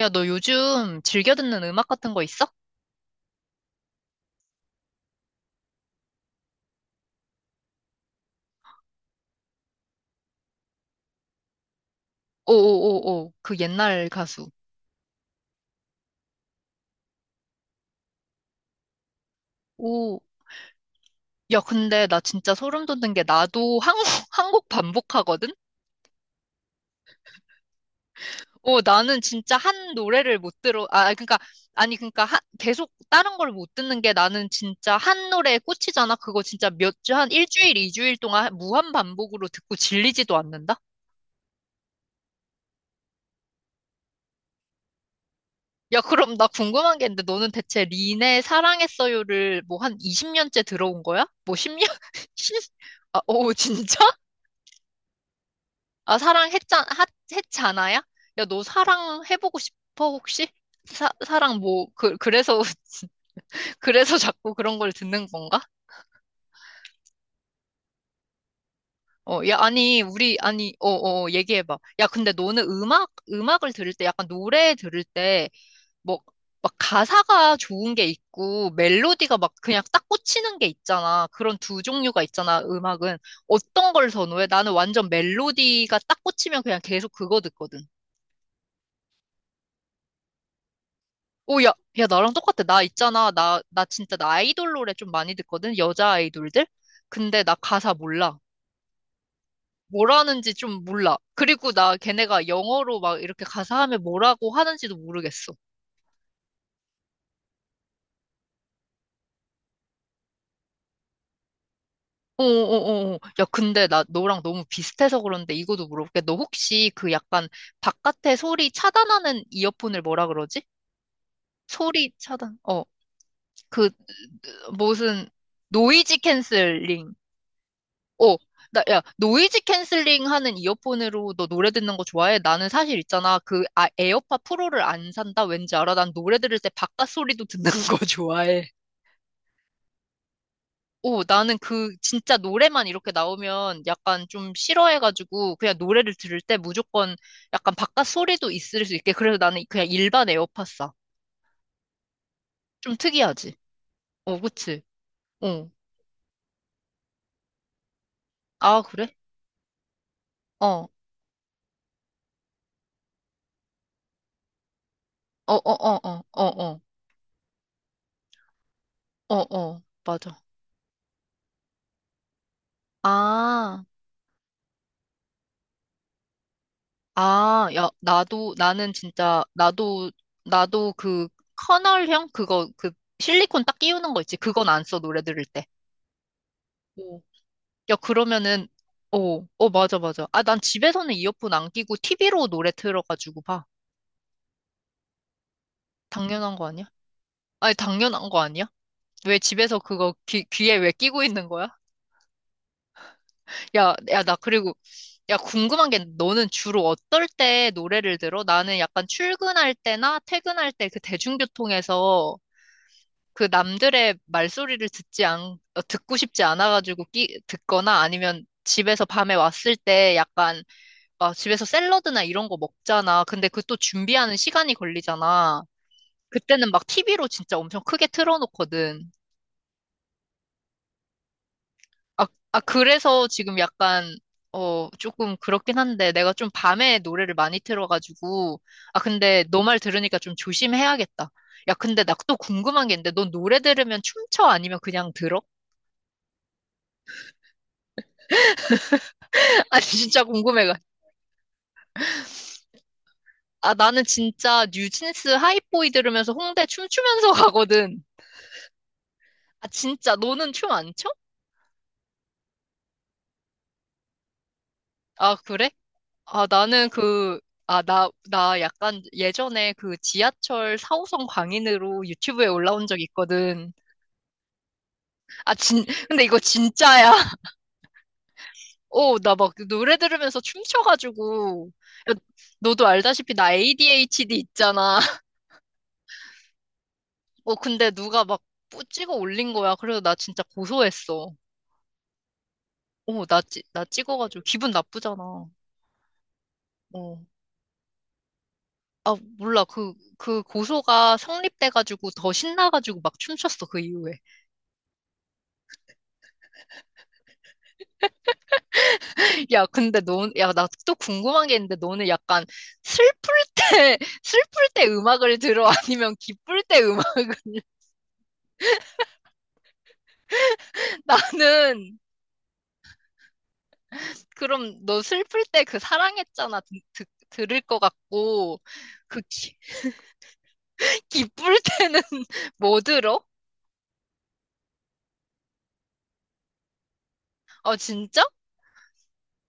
야, 너 요즘 즐겨 듣는 음악 같은 거 있어? 오오오오, 그 옛날 가수. 오, 야, 근데 나 진짜 소름 돋는 게 나도 한 한 곡 반복하거든? 오, 나는 진짜 한 노래를 못 들어, 아, 그러니까, 아니, 그러니까 계속 다른 걸 못 듣는 게 나는 진짜 한 노래에 꽂히잖아. 그거 진짜 몇 주, 한 일주일, 이주일 동안 무한 반복으로 듣고 질리지도 않는다? 야, 그럼 나 궁금한 게 있는데 너는 대체 린의 사랑했어요를 뭐 한 20년째 들어온 거야? 뭐 10년? 아, 오, 진짜? 아, 했잖아야? 야, 너 사랑해보고 싶어, 혹시? 사랑 뭐, 그, 그래서, 그래서 자꾸 그런 걸 듣는 건가? 어, 야, 아니, 우리, 아니, 어, 어, 얘기해봐. 야, 근데 너는 음악을 들을 때, 약간 노래 들을 때, 뭐, 막 가사가 좋은 게 있고 멜로디가 막 그냥 딱 꽂히는 게 있잖아. 그런 두 종류가 있잖아, 음악은. 어떤 걸 선호해? 나는 완전 멜로디가 딱 꽂히면 그냥 계속 그거 듣거든. 오, 야, 야, 나랑 똑같아. 나 있잖아. 나 진짜 나 아이돌 노래 좀 많이 듣거든. 여자 아이돌들. 근데 나 가사 몰라. 뭐라는지 좀 몰라. 그리고 나 걔네가 영어로 막 이렇게 가사하면 뭐라고 하는지도 모르겠어. 어어어어. 야, 근데 나 너랑 너무 비슷해서 그런데 이거도 물어볼게. 너 혹시 그 약간 바깥의 소리 차단하는 이어폰을 뭐라 그러지? 소리 차단. 어, 그 무슨 노이즈 캔슬링. 어, 나, 야, 노이즈 캔슬링 하는 이어폰으로 너 노래 듣는 거 좋아해? 나는 사실 있잖아. 그 아, 에어팟 프로를 안 산다? 왠지 알아? 난 노래 들을 때 바깥 소리도 듣는 거 좋아해. 오, 나는 그 진짜 노래만 이렇게 나오면 약간 좀 싫어해가지고 그냥 노래를 들을 때 무조건 약간 바깥 소리도 있을 수 있게 그래서 나는 그냥 일반 에어팟 사. 좀 특이하지? 어, 그치? 어. 아, 그래? 어. 어, 어, 어, 어, 어, 어, 어, 어. 맞아. 아, 아, 야, 나도, 나는 진짜, 나도, 나도 그 커널형? 그거, 그 실리콘 딱 끼우는 거 있지? 그건 안 써, 노래 들을 때. 야, 그러면은, 어, 어, 맞아, 맞아. 아, 난 집에서는 이어폰 안 끼고 TV로 노래 틀어가지고 봐. 당연한 거 아니야? 아니, 당연한 거 아니야? 왜 집에서 그거 귀에 왜 끼고 있는 거야? 야, 야, 나 그리고, 야, 궁금한 게 너는 주로 어떨 때 노래를 들어? 나는 약간 출근할 때나 퇴근할 때 그 대중교통에서 그 남들의 말소리를 듣고 싶지 않아가지고 듣거나 아니면 집에서 밤에 왔을 때 약간 아, 집에서 샐러드나 이런 거 먹잖아. 근데 그 또 준비하는 시간이 걸리잖아. 그때는 막 TV로 진짜 엄청 크게 틀어놓거든. 아, 아, 그래서 지금 약간, 어, 조금 그렇긴 한데 내가 좀 밤에 노래를 많이 틀어가지고. 아, 근데 너 말 들으니까 좀 조심해야겠다. 야, 근데 나 또 궁금한 게 있는데 넌 노래 들으면 춤춰? 아니면 그냥 들어? 아니, 진짜 궁금해. 아, 나는 진짜 뉴진스 하이보이 들으면서 홍대 춤추면서 가거든. 아, 진짜 너는 춤 안 춰? 아, 그래? 아, 나는 그, 아, 나 약간 예전에 그 지하철 4호선 광인으로 유튜브에 올라온 적 있거든. 아, 근데 이거 진짜야. 어, 나 막 노래 들으면서 춤춰가지고. 야, 너도 알다시피 나 ADHD 있잖아. 어, 근데 누가 막 찍어 올린 거야. 그래서 나 진짜 고소했어. 어, 나 찍어가지고 기분 나쁘잖아. 어. 아, 몰라. 그 고소가 성립돼가지고 더 신나가지고 막 춤췄어, 그 이후에. 야, 근데 너, 야, 나 또 궁금한 게 있는데, 너는 약간 슬플 때, 슬플 때 음악을 들어? 아니면 기쁠 때 음악을? 나는, 그럼 너 슬플 때 그 사랑했잖아 듣, 들을 것 같고, 그 기, 기쁠 때는 뭐 들어? 아, 진짜?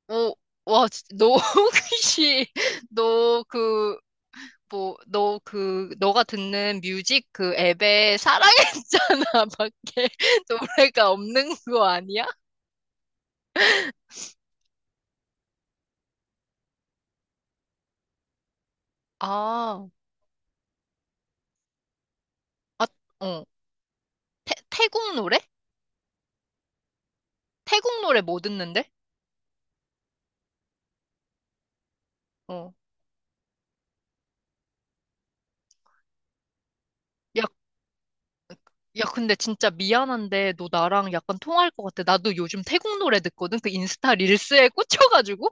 오, 와, 너 혹시, 너 그, 뭐, 너 그, 너가 듣는 뮤직 그 앱에 사랑했잖아 밖에 노래가 없는 거 아니야? 아, 아, 어. 태국 노래? 태국 노래 뭐 듣는데? 어. 야, 야, 근데 진짜 미안한데 너 나랑 약간 통할 것 같아. 나도 요즘 태국 노래 듣거든? 그 인스타 릴스에 꽂혀가지고?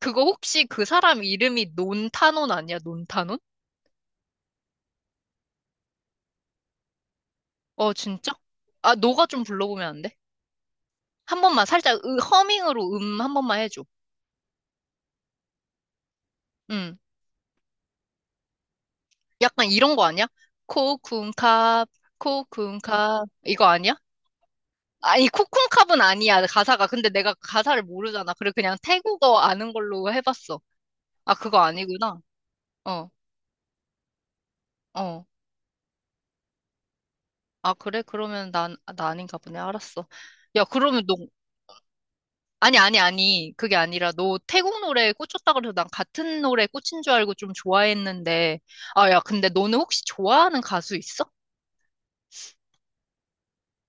그거 혹시 그 사람 이름이 논타논 아니야? 논타논? 어, 진짜? 아, 너가 좀 불러보면 안 돼? 한 번만 살짝 허밍으로 한 번만 해줘. 응. 약간 이런 거 아니야? 코쿤캅, 코쿤캅. 이거 아니야? 아니, 코쿤캅은 아니야, 가사가. 근데 내가 가사를 모르잖아. 그래, 그냥 태국어 아는 걸로 해봤어. 아, 그거 아니구나. 어, 어. 아, 그래? 그러면 난, 아, 나 아닌가 보네. 알았어. 야, 그러면 너, 아니, 아니, 아니. 그게 아니라 너 태국 노래에 꽂혔다 그래서 난 같은 노래에 꽂힌 줄 알고 좀 좋아했는데. 아, 야, 근데 너는 혹시 좋아하는 가수 있어?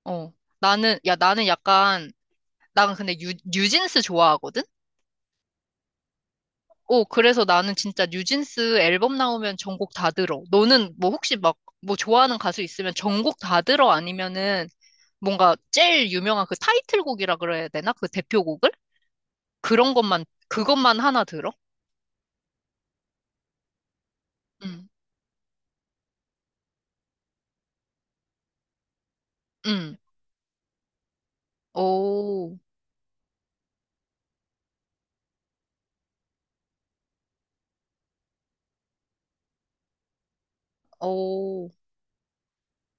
어. 나는, 야, 나는 약간, 나는 근데 뉴진스 좋아하거든? 오, 그래서 나는 진짜 뉴진스 앨범 나오면 전곡 다 들어. 너는 뭐 혹시 막 뭐 좋아하는 가수 있으면 전곡 다 들어 아니면은 뭔가 제일 유명한 그 타이틀곡이라 그래야 되나? 그 대표곡을? 그런 것만, 그것만 하나 들어? 응, 응. 오, 오.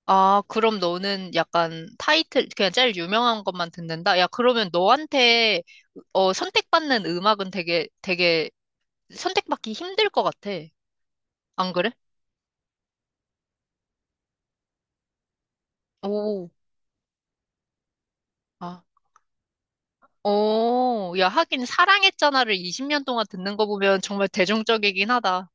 아, 그럼 너는 약간 타이틀, 그냥 제일 유명한 것만 듣는다? 야, 그러면 너한테 어, 선택받는 음악은 되게, 되게 선택받기 힘들 것 같아. 안 그래? 오. 아. 오, 야, 하긴 사랑했잖아를 20년 동안 듣는 거 보면 정말 대중적이긴 하다.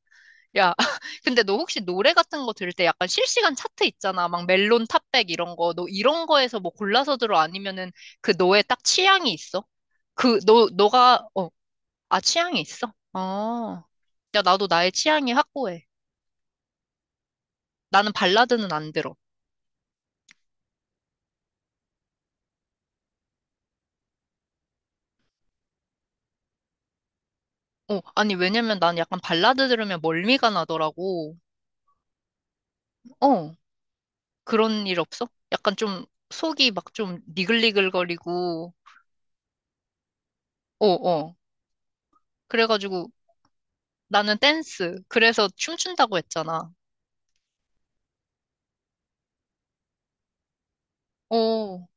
야, 근데 너 혹시 노래 같은 거 들을 때 약간 실시간 차트 있잖아. 막 멜론 탑백 이런 거. 너 이런 거에서 뭐 골라서 들어? 아니면은 그 너의 딱 취향이 있어? 그, 아, 취향이 있어? 어. 야, 나도 나의 취향이 확고해. 나는 발라드는 안 들어. 어, 아니, 왜냐면 난 약간 발라드 들으면 멀미가 나더라고. 어. 그런 일 없어? 약간 좀 속이 막 좀 니글니글거리고, 어, 어. 그래가지고 나는 댄스. 그래서 춤춘다고 했잖아. 어, 어.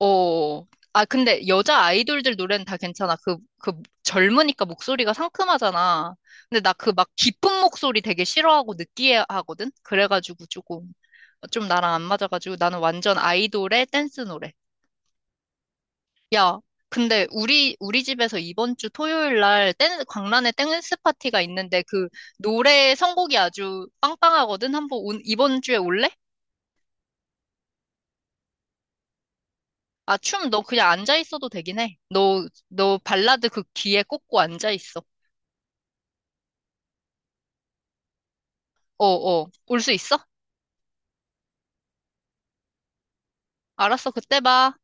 어. 아, 근데 여자 아이돌들 노래는 다 괜찮아. 그 젊으니까 목소리가 상큼하잖아. 근데 나 그 막 깊은 목소리 되게 싫어하고 느끼해 하거든? 그래가지고 조금, 좀 나랑 안 맞아가지고 나는 완전 아이돌의 댄스 노래. 야, 근데 우리 집에서 이번 주 토요일 날 댄스, 광란의 댄스 파티가 있는데 그 노래 선곡이 아주 빵빵하거든. 한번 이번 주에 올래? 아, 춤 너 그냥 앉아 있어도 되긴 해. 너 발라드 그 귀에 꽂고 앉아 있어. 어, 어. 올 수 있어? 알았어. 그때 봐.